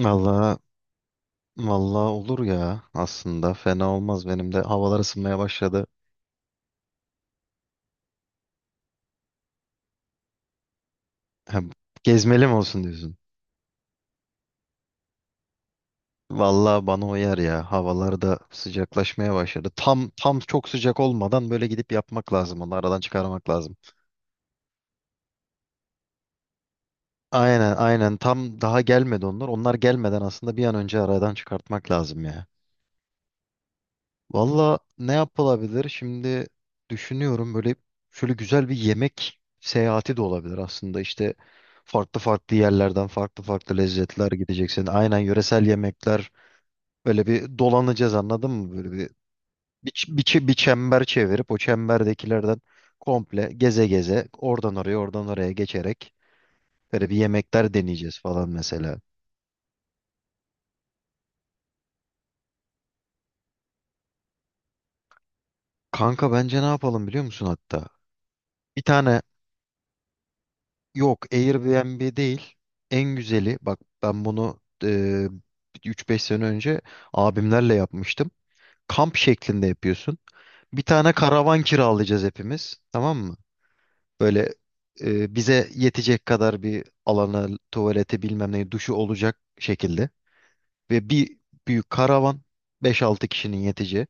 Valla valla olur ya, aslında fena olmaz, benim de havalar ısınmaya başladı. Ha, gezmeli mi olsun diyorsun? Valla bana uyar ya, havalar da sıcaklaşmaya başladı. Tam çok sıcak olmadan böyle gidip yapmak lazım, onu aradan çıkarmak lazım. Aynen aynen, tam daha gelmedi, onlar gelmeden aslında bir an önce aradan çıkartmak lazım ya. Valla, ne yapılabilir? Şimdi düşünüyorum, böyle şöyle güzel bir yemek seyahati de olabilir aslında. İşte farklı farklı yerlerden farklı farklı lezzetler gideceksin. Aynen, yöresel yemekler, böyle bir dolanacağız, anladın mı? Böyle bir çember çevirip o çemberdekilerden komple geze geze oradan oraya, oradan oraya geçerek böyle bir yemekler deneyeceğiz falan mesela. Kanka, bence ne yapalım biliyor musun hatta? Bir tane Yok, Airbnb değil. En güzeli bak, ben bunu 3-5 sene önce abimlerle yapmıştım. Kamp şeklinde yapıyorsun. Bir tane karavan kiralayacağız hepimiz. Tamam mı? Böyle bize yetecek kadar bir alanı, tuvaleti bilmem ne, duşu olacak şekilde. Ve bir büyük karavan, 5-6 kişinin yeteceği.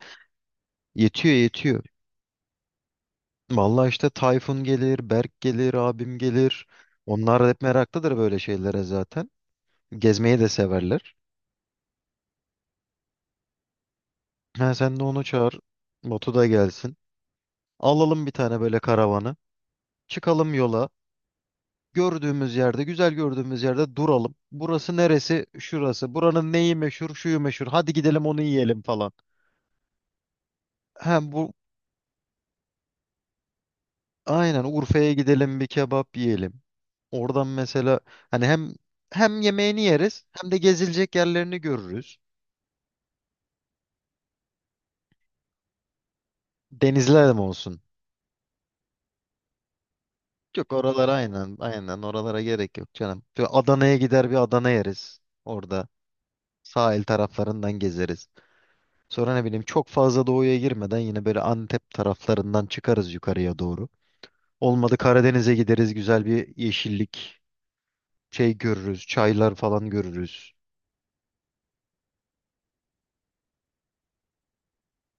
Yetiyor, yetiyor. Vallahi işte Tayfun gelir, Berk gelir, abim gelir. Onlar hep meraklıdır böyle şeylere zaten. Gezmeyi de severler. Ha, sen de onu çağır. Batu da gelsin. Alalım bir tane böyle karavanı. Çıkalım yola. Gördüğümüz yerde, güzel gördüğümüz yerde duralım. Burası neresi? Şurası. Buranın neyi meşhur? Şuyu meşhur. Hadi gidelim onu yiyelim falan. Ha bu aynen, Urfa'ya gidelim bir kebap yiyelim. Oradan mesela, hani hem yemeğini yeriz, hem de gezilecek yerlerini görürüz. Denizler mi olsun? Yok, oralara, aynen aynen, oralara gerek yok canım. Şöyle Adana'ya gider bir Adana yeriz orada. Sahil taraflarından gezeriz. Sonra ne bileyim, çok fazla doğuya girmeden yine böyle Antep taraflarından çıkarız yukarıya doğru. Olmadı, Karadeniz'e gideriz, güzel bir yeşillik şey görürüz. Çaylar falan görürüz.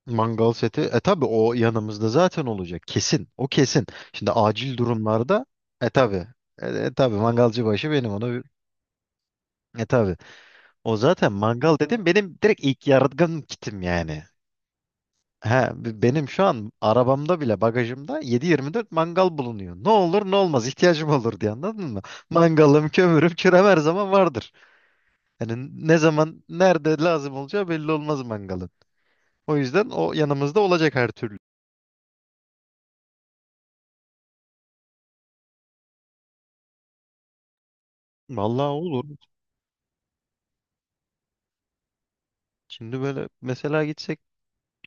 Mangal seti. E tabi, o yanımızda zaten olacak. Kesin. O kesin. Şimdi acil durumlarda e tabi. E tabi, mangalcı başı benim onu. E tabi. O zaten mangal dedim, benim direkt ilk yardım kitim yani. Ha, benim şu an arabamda bile, bagajımda 7-24 mangal bulunuyor. Ne olur ne olmaz ihtiyacım olur diye, anladın mı? Mangalım, kömürüm, kürem her zaman vardır. Yani ne zaman nerede lazım olacağı belli olmaz mangalın. O yüzden o yanımızda olacak her türlü. Vallahi olur. Şimdi böyle mesela gitsek,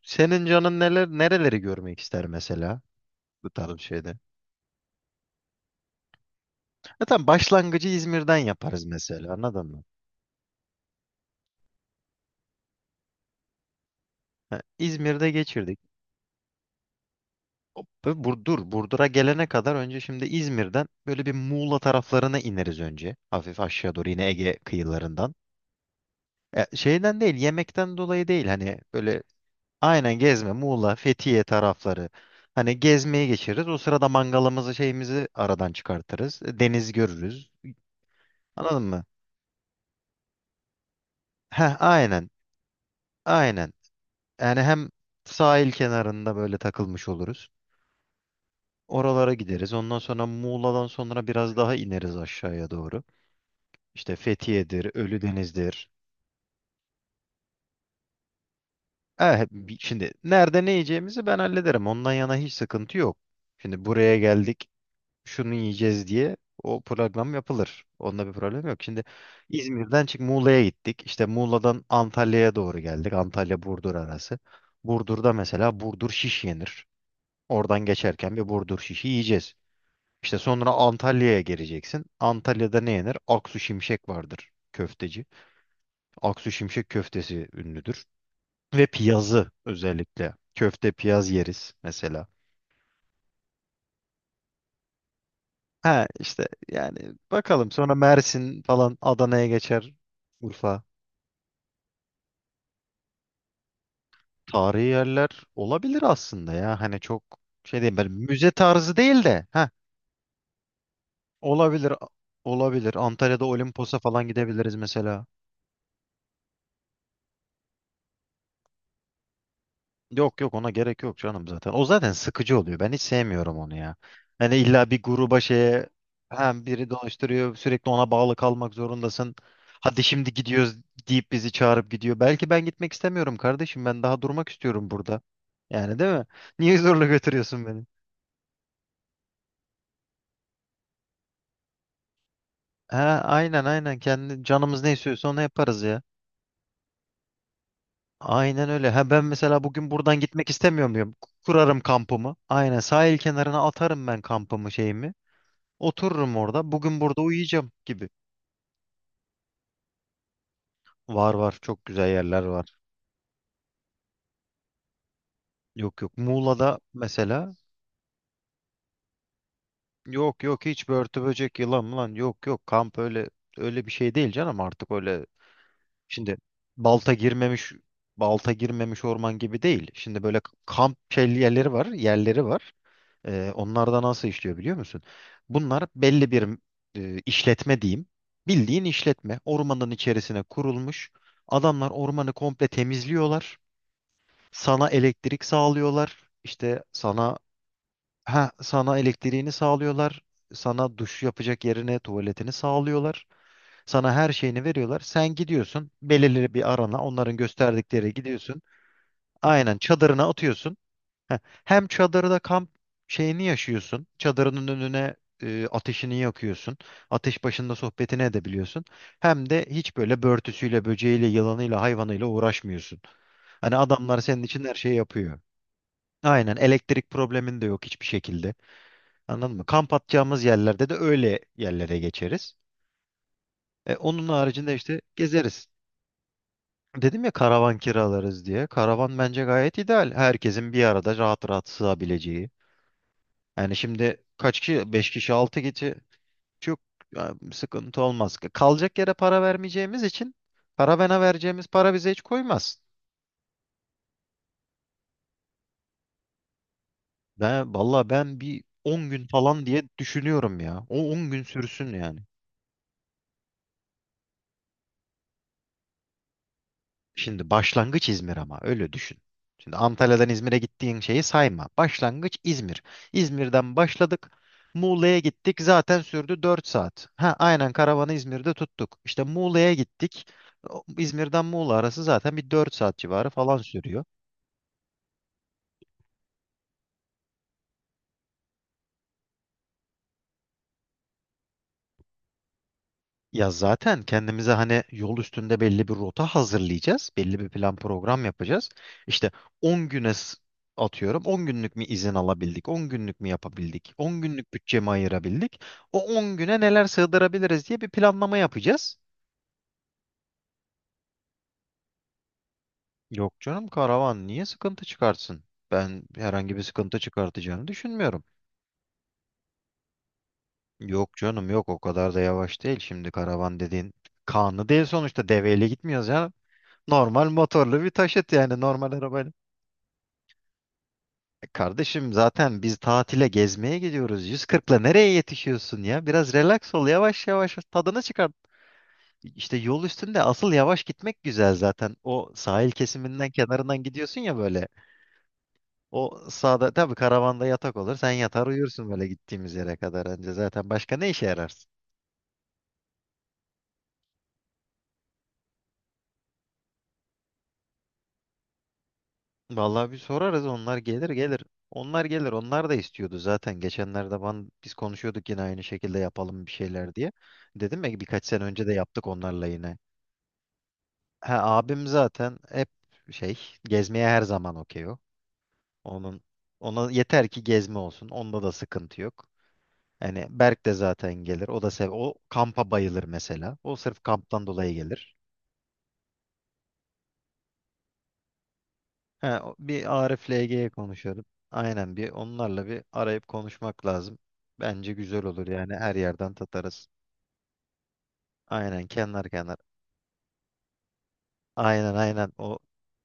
senin canın neler, nereleri görmek ister mesela bu tarz bir şeyde? Zaten başlangıcı İzmir'den yaparız mesela, anladın mı? Ha, İzmir'de geçirdik. Tabii Burdur'a gelene kadar önce, şimdi İzmir'den böyle bir Muğla taraflarına ineriz önce. Hafif aşağı doğru yine Ege kıyılarından. Şeyden değil, yemekten dolayı değil. Hani böyle aynen gezme, Muğla, Fethiye tarafları. Hani gezmeye geçeriz. O sırada mangalımızı, şeyimizi aradan çıkartırız. Deniz görürüz. Anladın mı? Heh, aynen. Aynen. Yani hem sahil kenarında böyle takılmış oluruz. Oralara gideriz. Ondan sonra Muğla'dan sonra biraz daha ineriz aşağıya doğru. İşte Fethiye'dir, Ölüdeniz'dir. Şimdi nerede ne yiyeceğimizi ben hallederim. Ondan yana hiç sıkıntı yok. Şimdi buraya geldik, şunu yiyeceğiz diye o program yapılır. Onda bir problem yok. Şimdi İzmir'den çık, Muğla'ya gittik. İşte Muğla'dan Antalya'ya doğru geldik. Antalya-Burdur arası. Burdur'da mesela Burdur şiş yenir. Oradan geçerken bir Burdur şişi yiyeceğiz. İşte sonra Antalya'ya geleceksin. Antalya'da ne yenir? Aksu Şimşek vardır, köfteci. Aksu Şimşek köftesi ünlüdür. Ve piyazı özellikle. Köfte piyaz yeriz mesela. Ha işte yani bakalım, sonra Mersin falan, Adana'ya geçer. Urfa. Tarihi yerler olabilir aslında ya. Hani çok şey değil, böyle müze tarzı değil de. Ha, olabilir olabilir. Antalya'da Olimpos'a falan gidebiliriz mesela. Yok yok, ona gerek yok canım zaten. O zaten sıkıcı oluyor. Ben hiç sevmiyorum onu ya. Yani illa bir gruba, şeye, hem biri dolaştırıyor, sürekli ona bağlı kalmak zorundasın. Hadi şimdi gidiyoruz deyip bizi çağırıp gidiyor. Belki ben gitmek istemiyorum kardeşim. Ben daha durmak istiyorum burada. Yani, değil mi? Niye zorla götürüyorsun beni? Ha, aynen aynen, kendi canımız ne istiyorsa onu yaparız ya. Aynen öyle. Ha, ben mesela bugün buradan gitmek istemiyor muyum? Kurarım kampımı. Aynen, sahil kenarına atarım ben kampımı, şeyimi. Otururum orada. Bugün burada uyuyacağım gibi. Var var, çok güzel yerler var. Yok yok, Muğla'da mesela yok yok, hiç börtü böcek yılan lan yok yok, kamp öyle öyle bir şey değil canım artık. Öyle, şimdi balta girmemiş, balta girmemiş orman gibi değil. Şimdi böyle kamp şey yerleri var, yerleri var. Onlar da nasıl işliyor biliyor musun? Bunlar belli bir işletme diyeyim. Bildiğin işletme ormanın içerisine kurulmuş. Adamlar ormanı komple temizliyorlar. Sana elektrik sağlıyorlar. Sana elektriğini sağlıyorlar. Sana duş yapacak yerine, tuvaletini sağlıyorlar. Sana her şeyini veriyorlar. Sen gidiyorsun belirli bir arana, onların gösterdikleri, gidiyorsun. Aynen, çadırına atıyorsun. Heh, Hem çadırda kamp şeyini yaşıyorsun. Çadırının önüne ateşini yakıyorsun. Ateş başında sohbetini edebiliyorsun. Hem de hiç böyle börtüsüyle, böceğiyle, yılanıyla, hayvanıyla uğraşmıyorsun. Hani adamlar senin için her şeyi yapıyor. Aynen, elektrik problemin de yok hiçbir şekilde. Anladın mı? Kamp atacağımız yerlerde de öyle yerlere geçeriz. Onun haricinde işte gezeriz. Dedim ya karavan kiralarız diye. Karavan bence gayet ideal. Herkesin bir arada rahat rahat sığabileceği. Yani şimdi kaç kişi? 5 kişi, 6 kişi. Çok sıkıntı olmaz. Kalacak yere para vermeyeceğimiz için, karavana vereceğimiz para bize hiç koymaz. Valla, ben bir 10 gün falan diye düşünüyorum ya. O 10 gün sürsün yani. Şimdi başlangıç İzmir ama öyle düşün. Şimdi Antalya'dan İzmir'e gittiğin şeyi sayma. Başlangıç İzmir. İzmir'den başladık. Muğla'ya gittik. Zaten sürdü 4 saat. Ha aynen, karavanı İzmir'de tuttuk. İşte Muğla'ya gittik. İzmir'den Muğla arası zaten bir 4 saat civarı falan sürüyor. Ya zaten kendimize hani yol üstünde belli bir rota hazırlayacağız. Belli bir plan program yapacağız. İşte 10 güne atıyorum. 10 günlük mi izin alabildik? 10 günlük mü yapabildik? 10 günlük bütçemi ayırabildik? O 10 güne neler sığdırabiliriz diye bir planlama yapacağız. Yok canım, karavan niye sıkıntı çıkartsın? Ben herhangi bir sıkıntı çıkartacağını düşünmüyorum. Yok canım, yok o kadar da yavaş değil. Şimdi karavan dediğin kanlı değil sonuçta, deveyle gitmiyoruz ya. Normal motorlu bir taşıt, yani normal arabayla. E kardeşim, zaten biz tatile gezmeye gidiyoruz. 140'la nereye yetişiyorsun ya? Biraz relax ol, yavaş yavaş tadını çıkar. İşte yol üstünde asıl yavaş gitmek güzel zaten. O sahil kesiminden, kenarından gidiyorsun ya böyle. O sağda tabii karavanda yatak olur. Sen yatar uyursun böyle gittiğimiz yere kadar önce. Zaten başka ne işe yararsın? Vallahi bir sorarız, onlar gelir gelir. Onlar gelir. Onlar da istiyordu zaten. Geçenlerde biz konuşuyorduk, yine aynı şekilde yapalım bir şeyler diye. Dedim ya, birkaç sene önce de yaptık onlarla yine. He, abim zaten hep şey, gezmeye her zaman okey o. Onun Ona yeter ki gezme olsun. Onda da sıkıntı yok. Hani Berk de zaten gelir. O da o kampa bayılır mesela. O sırf kamptan dolayı gelir. He, bir Arif LG'ye konuşalım. Aynen, bir onlarla bir arayıp konuşmak lazım. Bence güzel olur yani, her yerden tatarız. Aynen, kenar kenar. Aynen aynen, o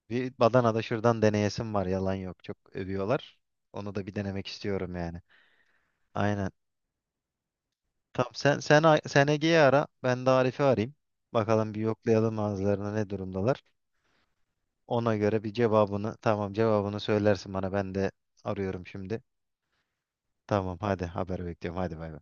bir Badana'da şuradan deneyesim var, yalan yok çok övüyorlar. Onu da bir denemek istiyorum yani. Aynen. Tamam, sen Ege'yi ara. Ben de Arif'i arayayım. Bakalım bir yoklayalım ağızlarına ne durumdalar. Ona göre bir cevabını söylersin bana. Ben de arıyorum şimdi. Tamam, hadi haber bekliyorum. Hadi bay bay.